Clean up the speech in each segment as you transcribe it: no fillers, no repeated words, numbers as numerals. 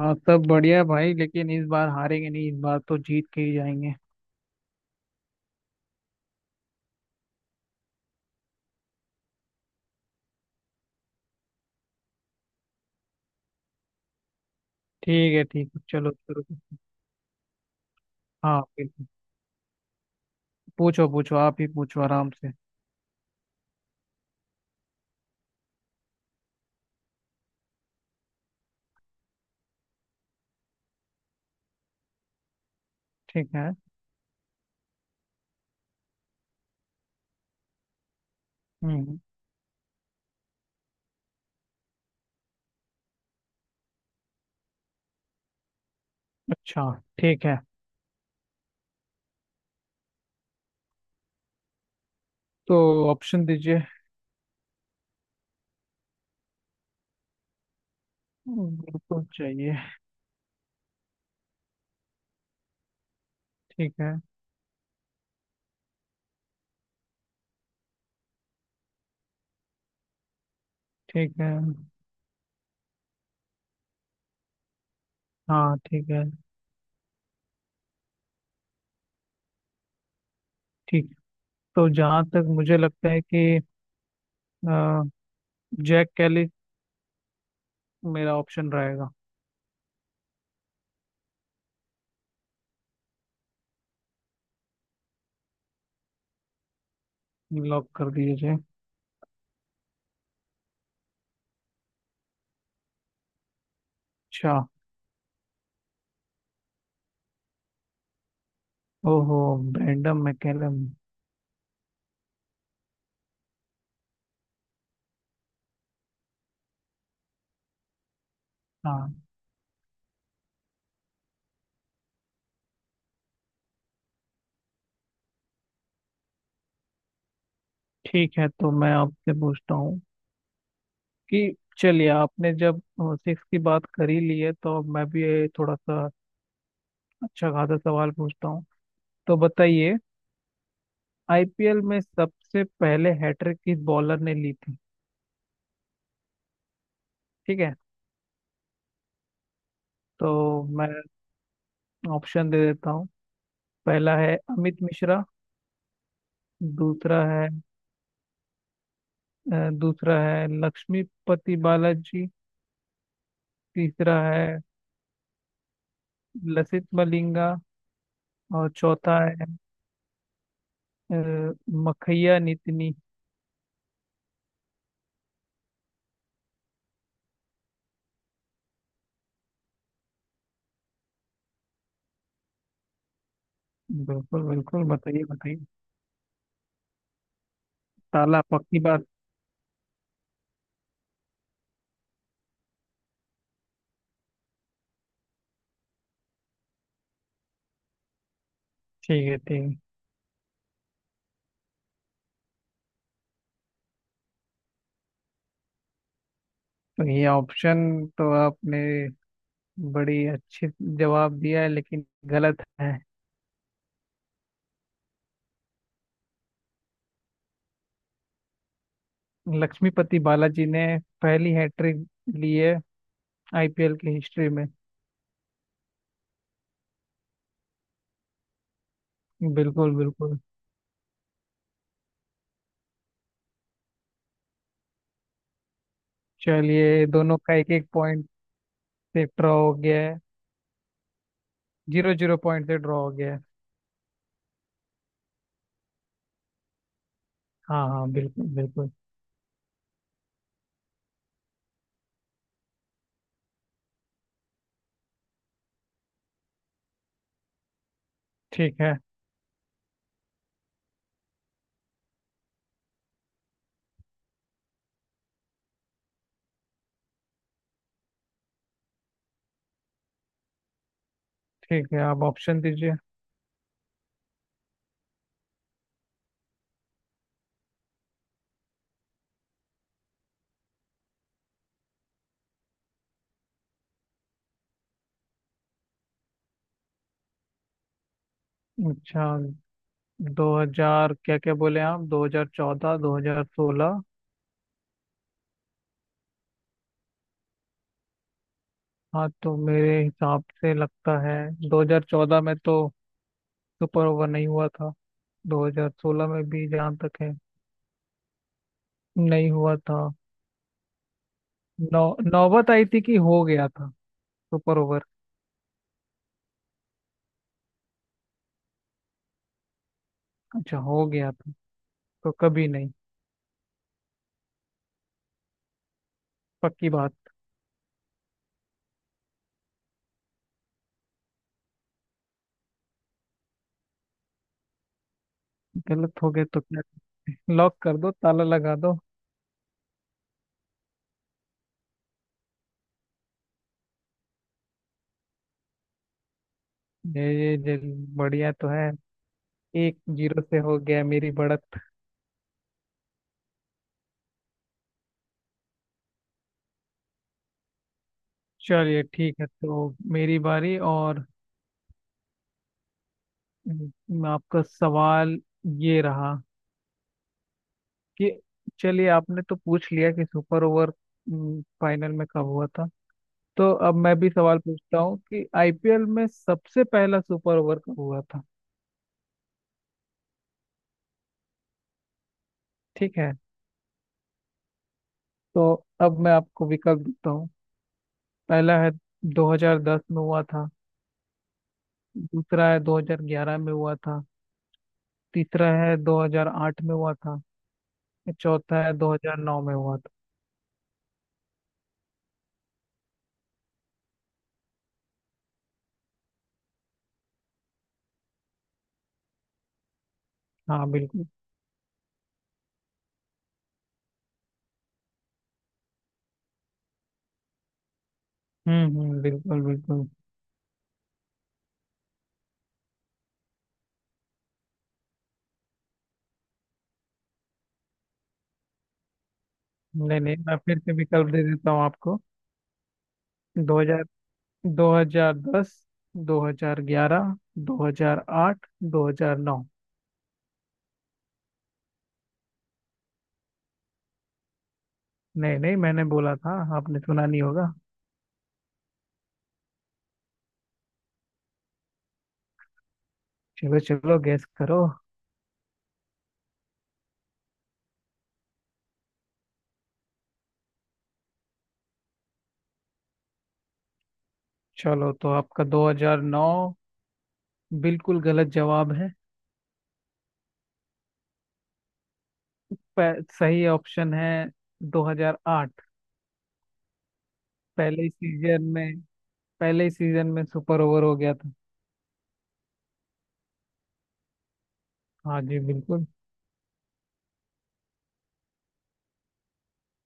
हाँ, सब बढ़िया भाई, लेकिन इस बार हारेंगे नहीं। इस बार तो जीत के ही जाएंगे। ठीक है ठीक है, चलो शुरू करो। हाँ बिल्कुल। पूछो पूछो, आप ही पूछो आराम से। ठीक है। हम्म। अच्छा। ठीक है। तो ऑप्शन दीजिए। बिल्कुल चाहिए। ठीक है ठीक है। हाँ ठीक है। ठीक। तो जहाँ तक मुझे लगता है कि अ, जैक कैली मेरा ऑप्शन रहेगा। लॉक कर दीजिए। अच्छा। ओहो। Brandon McCullum. हाँ। ठीक है, तो मैं आपसे पूछता हूँ कि चलिए, आपने जब सिक्स की बात कर ही ली है, तो अब मैं भी ये थोड़ा सा अच्छा खासा सवाल पूछता हूँ। तो बताइए, आईपीएल में सबसे पहले हैट्रिक किस बॉलर ने ली थी? ठीक है, तो मैं ऑप्शन दे देता हूँ। पहला है अमित मिश्रा। दूसरा है दूसरा है लक्ष्मीपति बालाजी। तीसरा है लसित मलिंगा। और चौथा है अ, मखैया नितिनी। बिल्कुल बिल्कुल, बताइए बताइए। ताला, पक्की बात। ठीक है। ठीक। तो ये ऑप्शन, तो आपने बड़ी अच्छी जवाब दिया है, लेकिन गलत है। लक्ष्मीपति बालाजी ने पहली हैट्रिक ली है आईपीएल की हिस्ट्री में। बिल्कुल बिल्कुल। चलिए, दोनों का एक एक पॉइंट से ड्रॉ हो गया है। जीरो जीरो पॉइंट से ड्रॉ हो गया है। हाँ हाँ, बिल्कुल बिल्कुल। ठीक है ठीक है, आप ऑप्शन दीजिए। अच्छा, 2000, क्या क्या बोले आप, 2014, 2016? हाँ, तो मेरे हिसाब से लगता है 2014 में तो सुपर ओवर नहीं हुआ था। 2016 में भी जहाँ तक है नहीं हुआ था। नौ नौबत आई थी कि हो गया था सुपर ओवर। अच्छा, हो गया था। तो कभी नहीं, पक्की बात। गलत हो गए तो क्या। लॉक कर दो, ताला लगा दो। ये बढ़िया तो है। 1-0 से हो गया मेरी बढ़त। चलिए, ठीक है, तो मेरी बारी। और आपका सवाल ये रहा। ये, चलिए, आपने तो पूछ लिया कि सुपर ओवर फाइनल में कब हुआ था। तो अब मैं भी सवाल पूछता हूँ कि आईपीएल में सबसे पहला सुपर ओवर कब हुआ था। ठीक है, तो अब मैं आपको विकल्प देता हूँ। पहला है 2010 में हुआ था। दूसरा है 2011 में हुआ था। तीसरा है 2008 में हुआ था। चौथा है 2009 में हुआ था। हाँ बिल्कुल। हम्म, बिल्कुल बिल्कुल। नहीं नहीं, मैं फिर से विकल्प दे देता हूँ आपको। 2010, 2011, 2008, 2009। नहीं नहीं, मैंने बोला था, आपने सुना नहीं होगा। चलो चलो, गैस करो। चलो, तो आपका 2009 बिल्कुल गलत जवाब है। सही ऑप्शन है 2008। पहले ही सीजन में, पहले ही सीजन में सुपर ओवर हो गया था। हाँ जी बिल्कुल।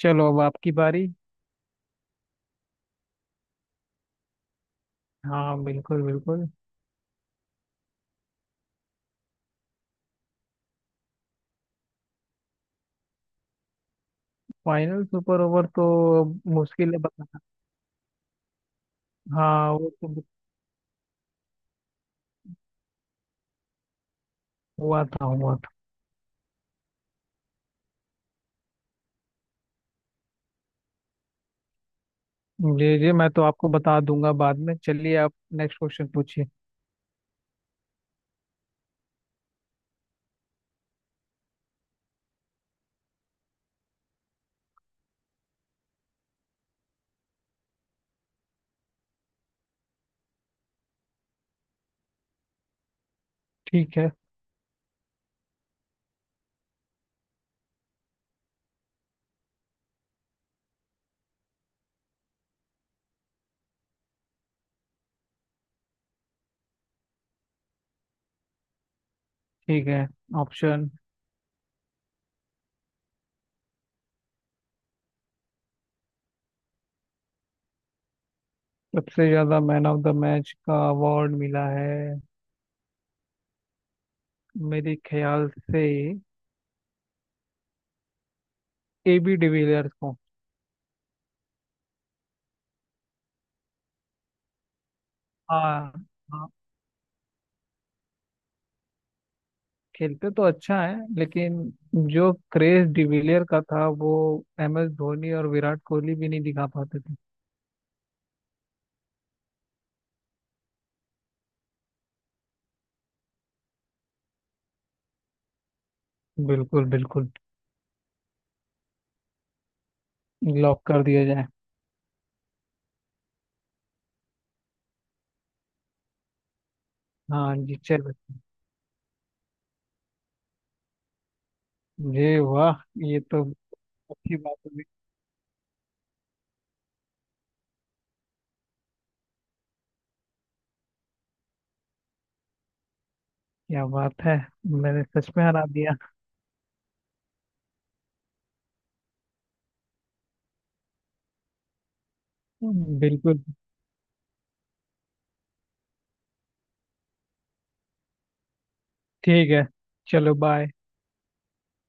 चलो, अब आपकी बारी। हाँ बिल्कुल बिल्कुल। फाइनल सुपर ओवर तो मुश्किल है बताना। हाँ, वो तो हुआ था, हुआ। जी जी, मैं तो आपको बता दूंगा बाद में। चलिए, आप नेक्स्ट क्वेश्चन पूछिए। ठीक है ठीक है। ऑप्शन। सबसे ज्यादा मैन ऑफ द मैच का अवार्ड मिला है, मेरे ख्याल से, ए बी डिविलियर्स को। हाँ हाँ, खेलते तो अच्छा है, लेकिन जो क्रेज डिविलियर का था, वो एम एस धोनी और विराट कोहली भी नहीं दिखा पाते थे। बिल्कुल बिल्कुल। लॉक कर दिया जाए। हाँ जी चलो। जी वाह। ये तो अच्छी बात। क्या बात है। मैंने सच में हरा दिया। बिल्कुल। ठीक है। चलो बाय।